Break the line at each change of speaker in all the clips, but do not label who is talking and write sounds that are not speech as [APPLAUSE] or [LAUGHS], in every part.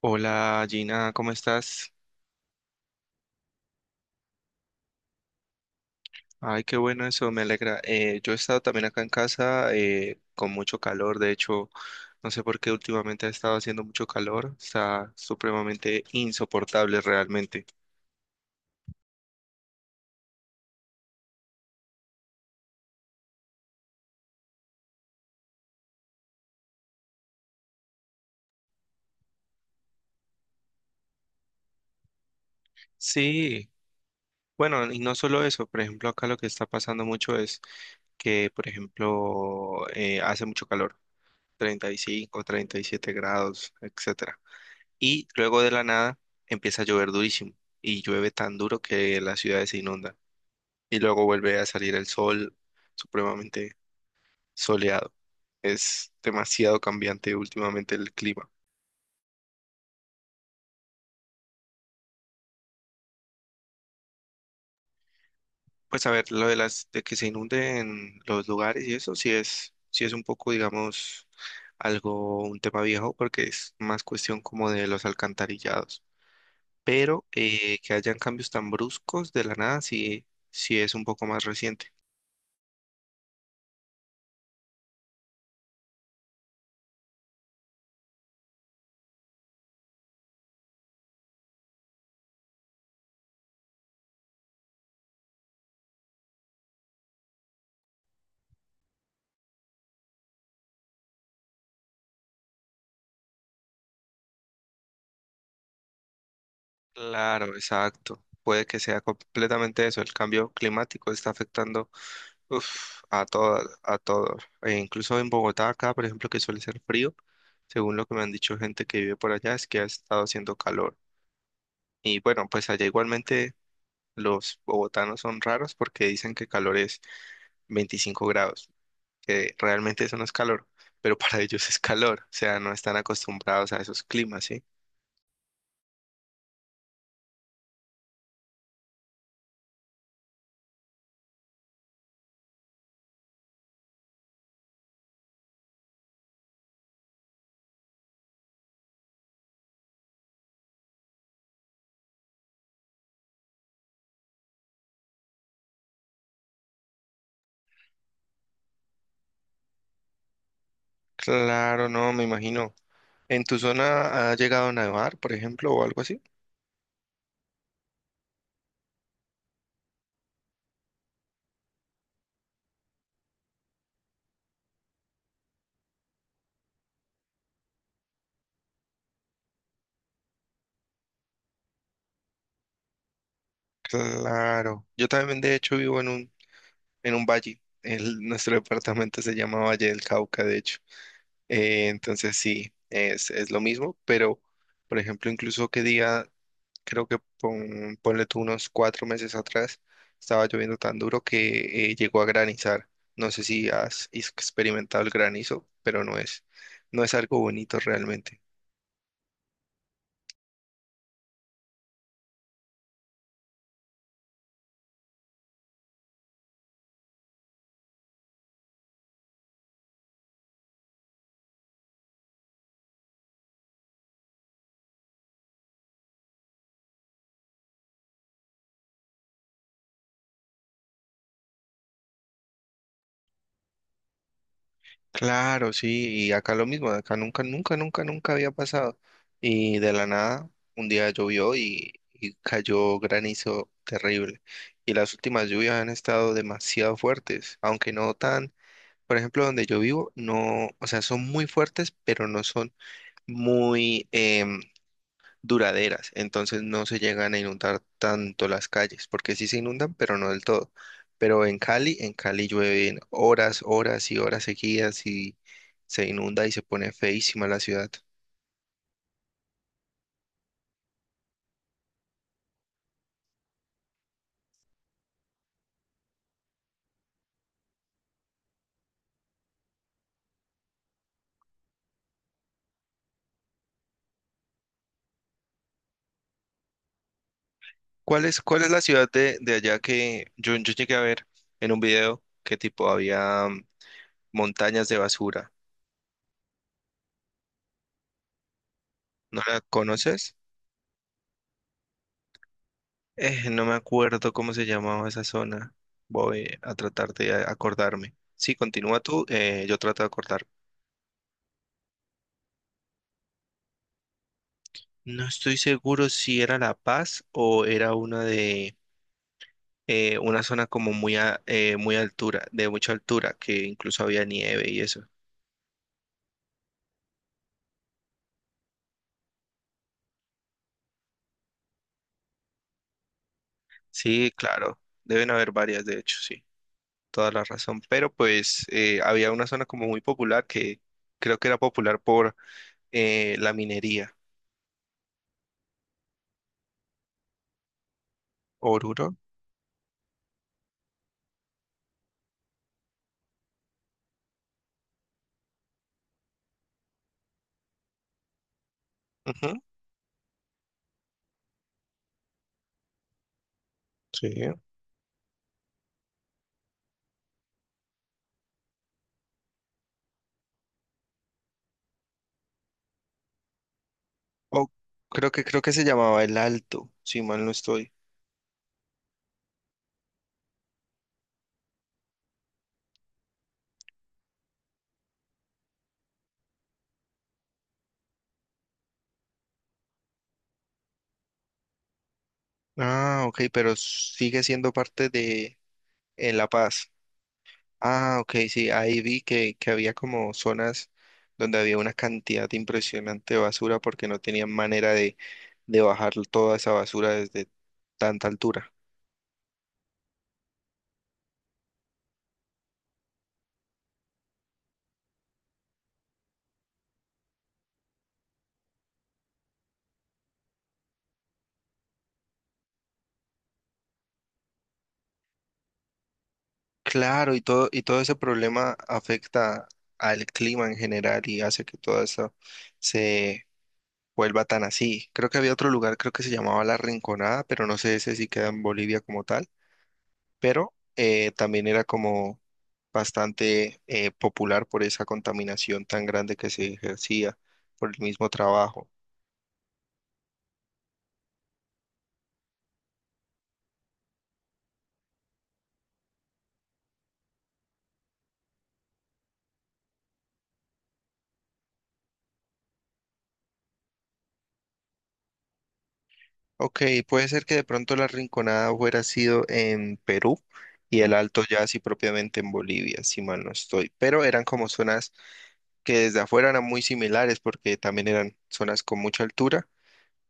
Hola Gina, ¿cómo estás? Ay, qué bueno eso, me alegra. Yo he estado también acá en casa con mucho calor, de hecho, no sé por qué últimamente ha estado haciendo mucho calor, está supremamente insoportable realmente. Sí, bueno, y no solo eso, por ejemplo, acá lo que está pasando mucho es que, por ejemplo, hace mucho calor, 30, 35, 37 grados, etcétera. Y luego de la nada empieza a llover durísimo y llueve tan duro que la ciudad se inunda. Y luego vuelve a salir el sol supremamente soleado. Es demasiado cambiante últimamente el clima. Pues a ver, lo de las de que se inunden los lugares y eso sí es un poco, digamos, algo, un tema viejo, porque es más cuestión como de los alcantarillados. Pero que hayan cambios tan bruscos de la nada, sí, sí es un poco más reciente. Claro, exacto. Puede que sea completamente eso. El cambio climático está afectando, uf, a todas, a todos. E incluso en Bogotá, acá, por ejemplo, que suele ser frío, según lo que me han dicho gente que vive por allá, es que ha estado haciendo calor. Y bueno, pues allá igualmente los bogotanos son raros porque dicen que calor es 25 grados, que realmente eso no es calor, pero para [LAUGHS] ellos es calor, o sea, no están acostumbrados a esos climas, ¿sí? Claro, no, me imagino. ¿En tu zona ha llegado a nevar, por ejemplo, o algo así? Claro. Yo también, de hecho, vivo en un valle. Nuestro departamento se llama Valle del Cauca, de hecho. Entonces sí, es lo mismo, pero por ejemplo, incluso que día, creo que ponle tú unos 4 meses atrás, estaba lloviendo tan duro que llegó a granizar. No sé si has experimentado el granizo, pero no es algo bonito realmente. Claro, sí, y acá lo mismo, acá nunca, nunca, nunca, nunca había pasado. Y de la nada, un día llovió y cayó granizo terrible. Y las últimas lluvias han estado demasiado fuertes, aunque no tan, por ejemplo, donde yo vivo, no, o sea, son muy fuertes, pero no son muy, duraderas, entonces no se llegan a inundar tanto las calles, porque sí se inundan, pero no del todo. Pero en Cali, llueven horas, horas y horas seguidas y se inunda y se pone feísima la ciudad. ¿Cuál es la ciudad de allá que yo llegué a ver en un video que tipo había, montañas de basura? ¿No la conoces? No me acuerdo cómo se llamaba esa zona. Voy a tratar de acordarme. Sí, continúa tú, yo trato de acordar. No estoy seguro si era La Paz o era una de una zona como muy altura, de mucha altura, que incluso había nieve y eso. Sí, claro, deben haber varias, de hecho, sí, toda la razón. Pero pues había una zona como muy popular que creo que era popular por la minería. Oruro. Ujú, sí. Oh, creo que se llamaba El Alto, si mal no estoy. Ah, ok, pero sigue siendo parte de La Paz. Ah, ok, sí, ahí vi que había como zonas donde había una cantidad impresionante de basura porque no tenían manera de bajar toda esa basura desde tanta altura. Claro, y todo ese problema afecta al clima en general y hace que todo eso vuelva tan así. Creo que había otro lugar, creo que se llamaba La Rinconada, pero no sé ese si queda en Bolivia como tal, pero también era como bastante popular por esa contaminación tan grande que se ejercía por el mismo trabajo. Ok, puede ser que de pronto La Rinconada hubiera sido en Perú y el Alto ya así propiamente en Bolivia, si mal no estoy, pero eran como zonas que desde afuera eran muy similares porque también eran zonas con mucha altura,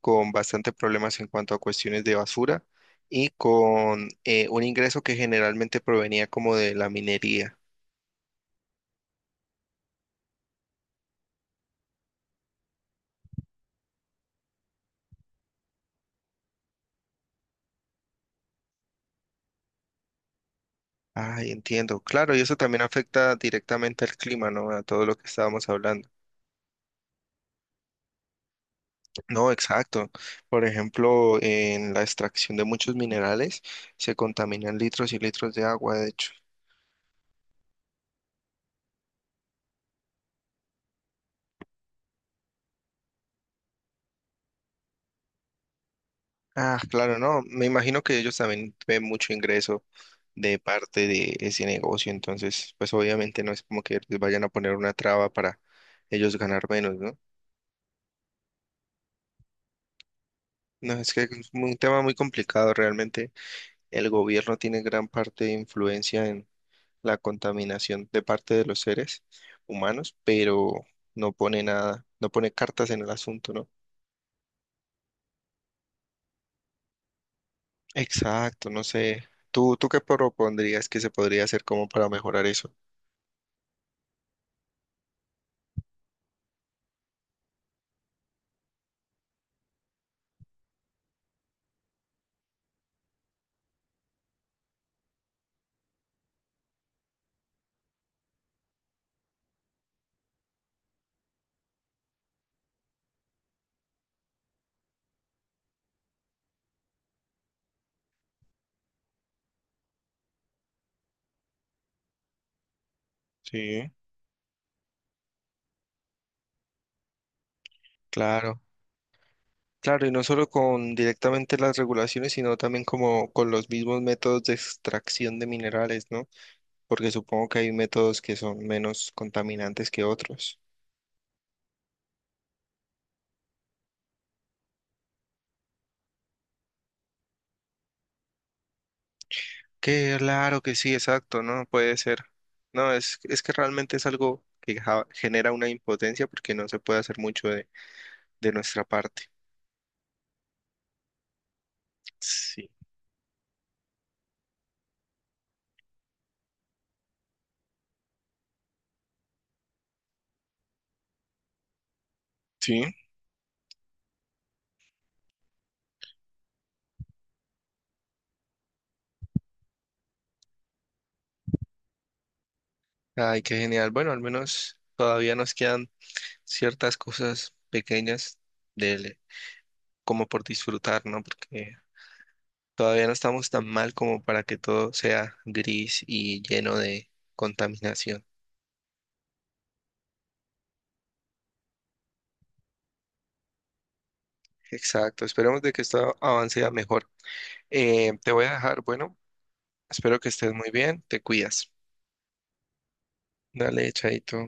con bastante problemas en cuanto a cuestiones de basura y con un ingreso que generalmente provenía como de la minería. Ay, entiendo. Claro, y eso también afecta directamente al clima, ¿no? A todo lo que estábamos hablando. No, exacto. Por ejemplo, en la extracción de muchos minerales se contaminan litros y litros de agua, de hecho. Ah, claro, no. Me imagino que ellos también ven mucho ingreso de parte de ese negocio. Entonces, pues obviamente no es como que les vayan a poner una traba para ellos ganar menos, ¿no? No, es que es un tema muy complicado. Realmente el gobierno tiene gran parte de influencia en la contaminación de parte de los seres humanos, pero no pone nada, no pone cartas en el asunto, ¿no? Exacto, no sé. ¿Tú qué propondrías que se podría hacer como para mejorar eso? Sí, claro. Claro, y no solo con directamente las regulaciones, sino también como con los mismos métodos de extracción de minerales, ¿no? Porque supongo que hay métodos que son menos contaminantes que otros. Claro que sí, exacto, ¿no? Puede ser. No, es que realmente es algo que genera una impotencia porque no se puede hacer mucho de nuestra parte. Sí. Sí. Ay, qué genial. Bueno, al menos todavía nos quedan ciertas cosas pequeñas del, como por disfrutar, ¿no? Porque todavía no estamos tan mal como para que todo sea gris y lleno de contaminación. Exacto, esperemos de que esto avance a mejor. Te voy a dejar, bueno, espero que estés muy bien, te cuidas. Dale, chaito.